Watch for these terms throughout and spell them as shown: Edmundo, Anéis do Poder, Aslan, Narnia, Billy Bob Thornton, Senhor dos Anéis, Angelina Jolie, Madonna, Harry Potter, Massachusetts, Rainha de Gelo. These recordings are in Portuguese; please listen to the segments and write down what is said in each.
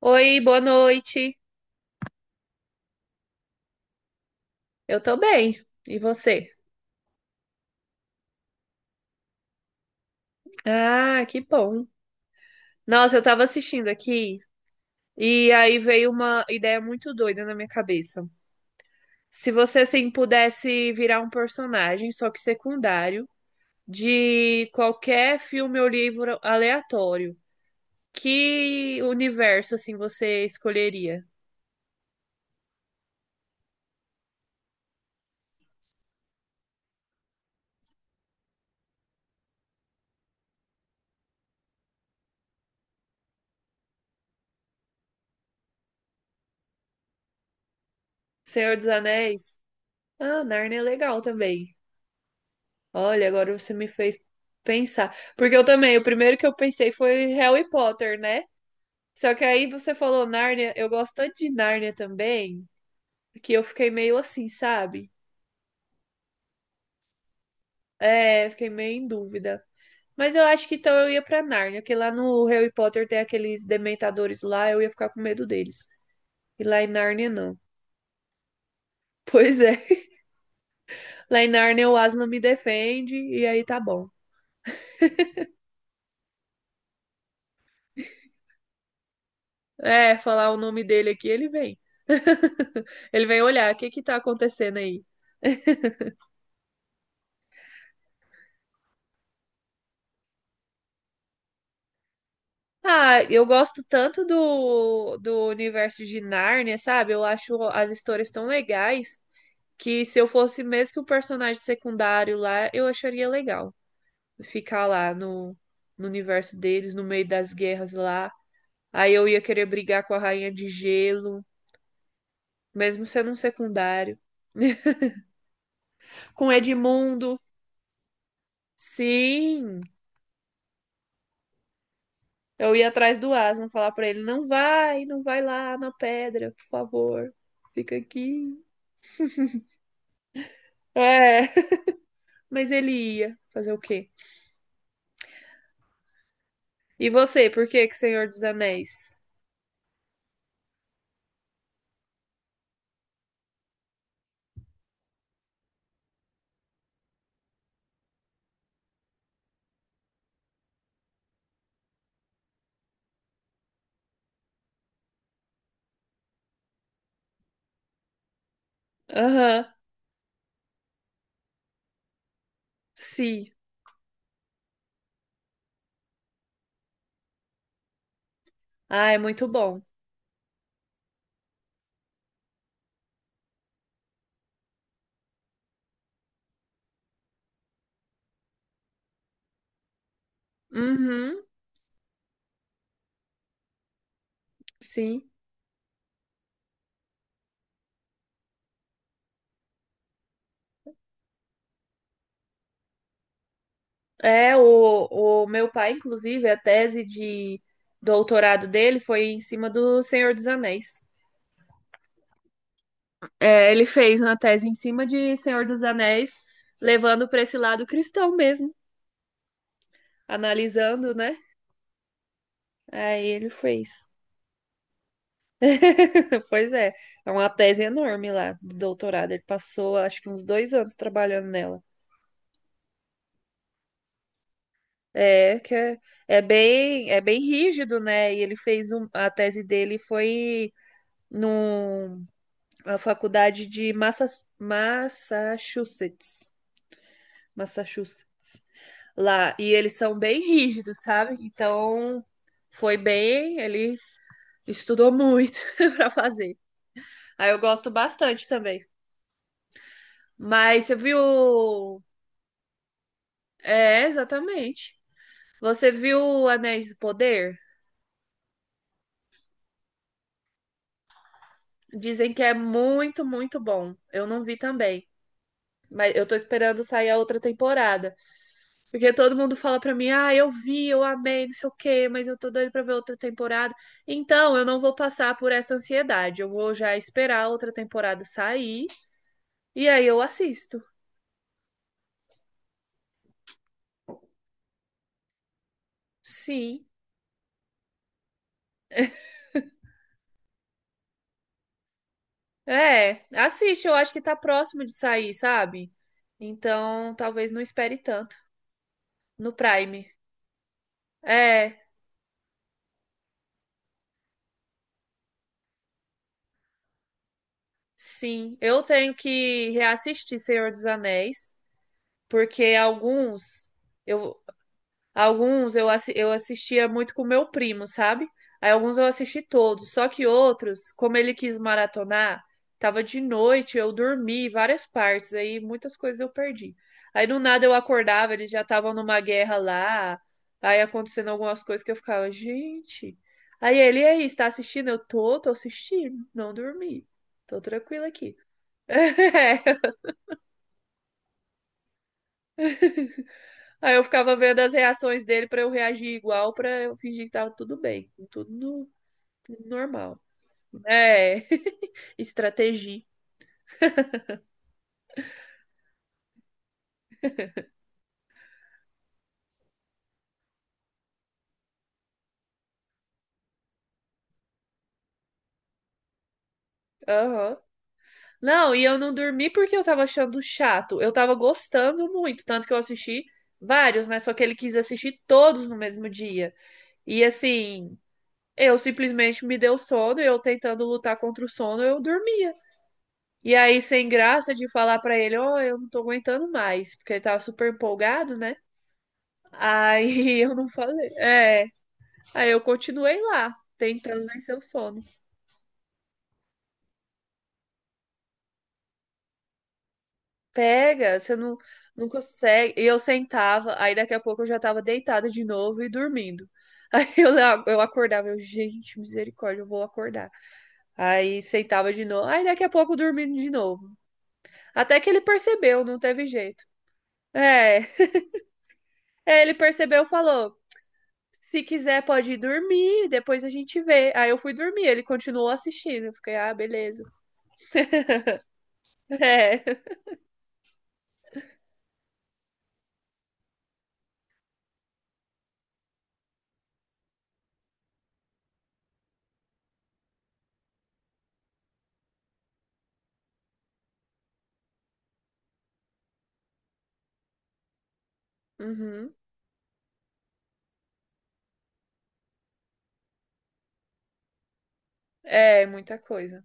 Oi, boa noite. Eu tô bem. E você? Ah, que bom. Nossa, eu tava assistindo aqui e aí veio uma ideia muito doida na minha cabeça. Se você assim pudesse virar um personagem, só que secundário, de qualquer filme ou livro aleatório, que universo assim você escolheria? Senhor dos Anéis? Ah, Narnia é legal também. Olha, agora você me fez pensar. Porque eu também, o primeiro que eu pensei foi Harry Potter, né? Só que aí você falou Nárnia, eu gosto tanto de Nárnia também, que eu fiquei meio assim, sabe? É, fiquei meio em dúvida. Mas eu acho que então eu ia pra Nárnia, porque lá no Harry Potter tem aqueles dementadores lá, eu ia ficar com medo deles. E lá em Nárnia não. Pois é, lá em Nárnia o Aslan me defende e aí tá bom. É, falar o nome dele aqui, ele vem. Ele vem olhar, o que que tá acontecendo aí? Ah, eu gosto tanto do universo de Nárnia, sabe? Eu acho as histórias tão legais que se eu fosse mesmo que um personagem secundário lá, eu acharia legal ficar lá no universo deles, no meio das guerras lá. Aí eu ia querer brigar com a Rainha de Gelo, mesmo sendo um secundário. Com Edmundo. Sim, eu ia atrás do Aslan falar pra ele: não vai, não vai lá na pedra, por favor, fica aqui. É. Mas ele ia fazer o quê? E você, por que que Senhor dos Anéis? Aham, sim. Ah, é muito bom. Uhum, sim. É, o meu pai, inclusive, a tese de doutorado dele foi em cima do Senhor dos Anéis. É, ele fez uma tese em cima de Senhor dos Anéis, levando para esse lado cristão mesmo, analisando, né? Aí ele fez. Pois é, é uma tese enorme lá de doutorado. Ele passou, acho que uns dois anos trabalhando nela. É, que é, é bem rígido, né? E ele fez um, a tese dele foi numa faculdade de Massa, Massachusetts, Massachusetts, lá. E eles são bem rígidos, sabe? Então foi bem, ele estudou muito para fazer. Aí eu gosto bastante também. Mas você viu É, exatamente. Você viu Anéis do Poder? Dizem que é muito, muito bom. Eu não vi também. Mas eu tô esperando sair a outra temporada. Porque todo mundo fala pra mim, ah, eu vi, eu amei, não sei o quê, mas eu tô doido pra ver outra temporada. Então, eu não vou passar por essa ansiedade. Eu vou já esperar a outra temporada sair e aí eu assisto. Sim. É, assiste, eu acho que tá próximo de sair, sabe? Então, talvez não espere tanto no Prime. É. Sim, eu tenho que reassistir Senhor dos Anéis, porque eu alguns eu assistia muito com meu primo, sabe? Aí alguns eu assisti todos, só que outros, como ele quis maratonar, tava de noite, eu dormi várias partes, aí muitas coisas eu perdi. Aí do nada eu acordava, eles já estavam numa guerra lá, aí acontecendo algumas coisas que eu ficava, gente. Aí ele, e aí, está assistindo? Eu tô, tô assistindo, não dormi. Tô tranquila aqui. É. Aí eu ficava vendo as reações dele pra eu reagir igual, pra eu fingir que tava tudo bem, tudo, tudo normal. É, estratégia. Aham. Não, e eu não dormi porque eu tava achando chato. Eu tava gostando muito, tanto que eu assisti vários, né? Só que ele quis assistir todos no mesmo dia. E assim, eu simplesmente me deu sono, eu tentando lutar contra o sono, eu dormia. E aí, sem graça de falar pra ele, ó, eu não tô aguentando mais, porque ele tava super empolgado, né? Aí eu não falei. É. Aí eu continuei lá, tentando vencer o sono. Pega, você não, não consegue. E eu sentava, aí daqui a pouco eu já tava deitada de novo e dormindo. Aí eu acordava, eu, gente, misericórdia, eu vou acordar. Aí sentava de novo, aí daqui a pouco dormindo de novo. Até que ele percebeu, não teve jeito. É, ele percebeu, falou: se quiser pode ir dormir, depois a gente vê. Aí eu fui dormir, ele continuou assistindo. Eu fiquei, ah, beleza. É. Uhum. É, muita coisa.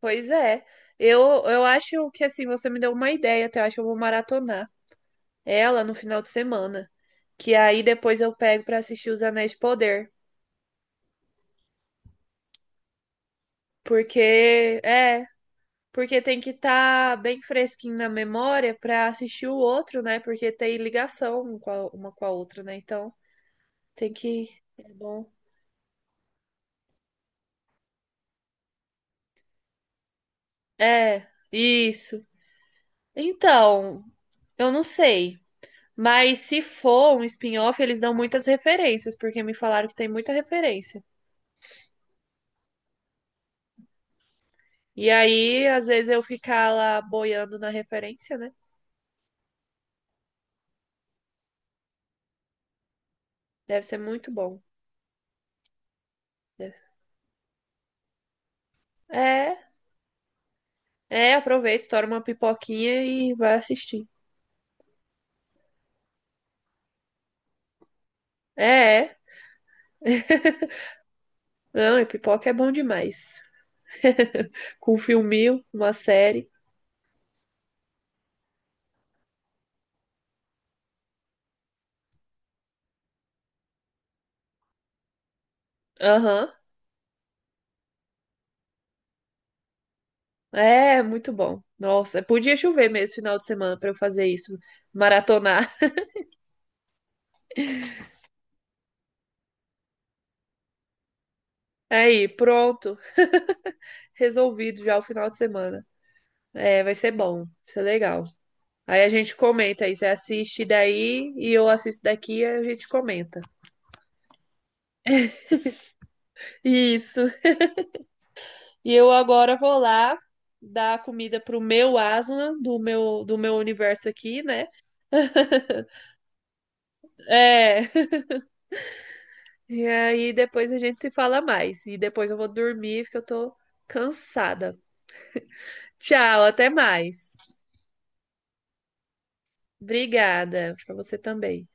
Pois é. Eu, eu acho que assim, você me deu uma ideia, até eu acho que eu vou maratonar ela no final de semana. Que aí depois eu pego pra assistir Os Anéis de Poder. Porque, é, porque tem que estar bem fresquinho na memória pra assistir o outro, né? Porque tem ligação um com a- uma com a outra, né? Então tem que. É bom. É, isso. Então, eu não sei. Mas se for um spin-off, eles dão muitas referências, porque me falaram que tem muita referência. E aí, às vezes, eu ficar lá boiando na referência, né? Deve ser muito bom. Deve- é, é, aproveita, estoura uma pipoquinha e vai assistir. É, é. Não, e pipoca é bom demais. Com um filminho, uma série. Aham. É, muito bom. Nossa, podia chover mesmo final de semana pra eu fazer isso, maratonar. Aí, pronto, resolvido já o final de semana. É, vai ser bom, vai ser legal. Aí a gente comenta aí, você assiste daí e eu assisto daqui e a gente comenta. Isso. E eu agora vou lá dar comida pro meu aslan do meu universo aqui, né? É. E aí depois a gente se fala mais. E depois eu vou dormir porque eu tô cansada. Tchau, até mais. Obrigada. Pra você também.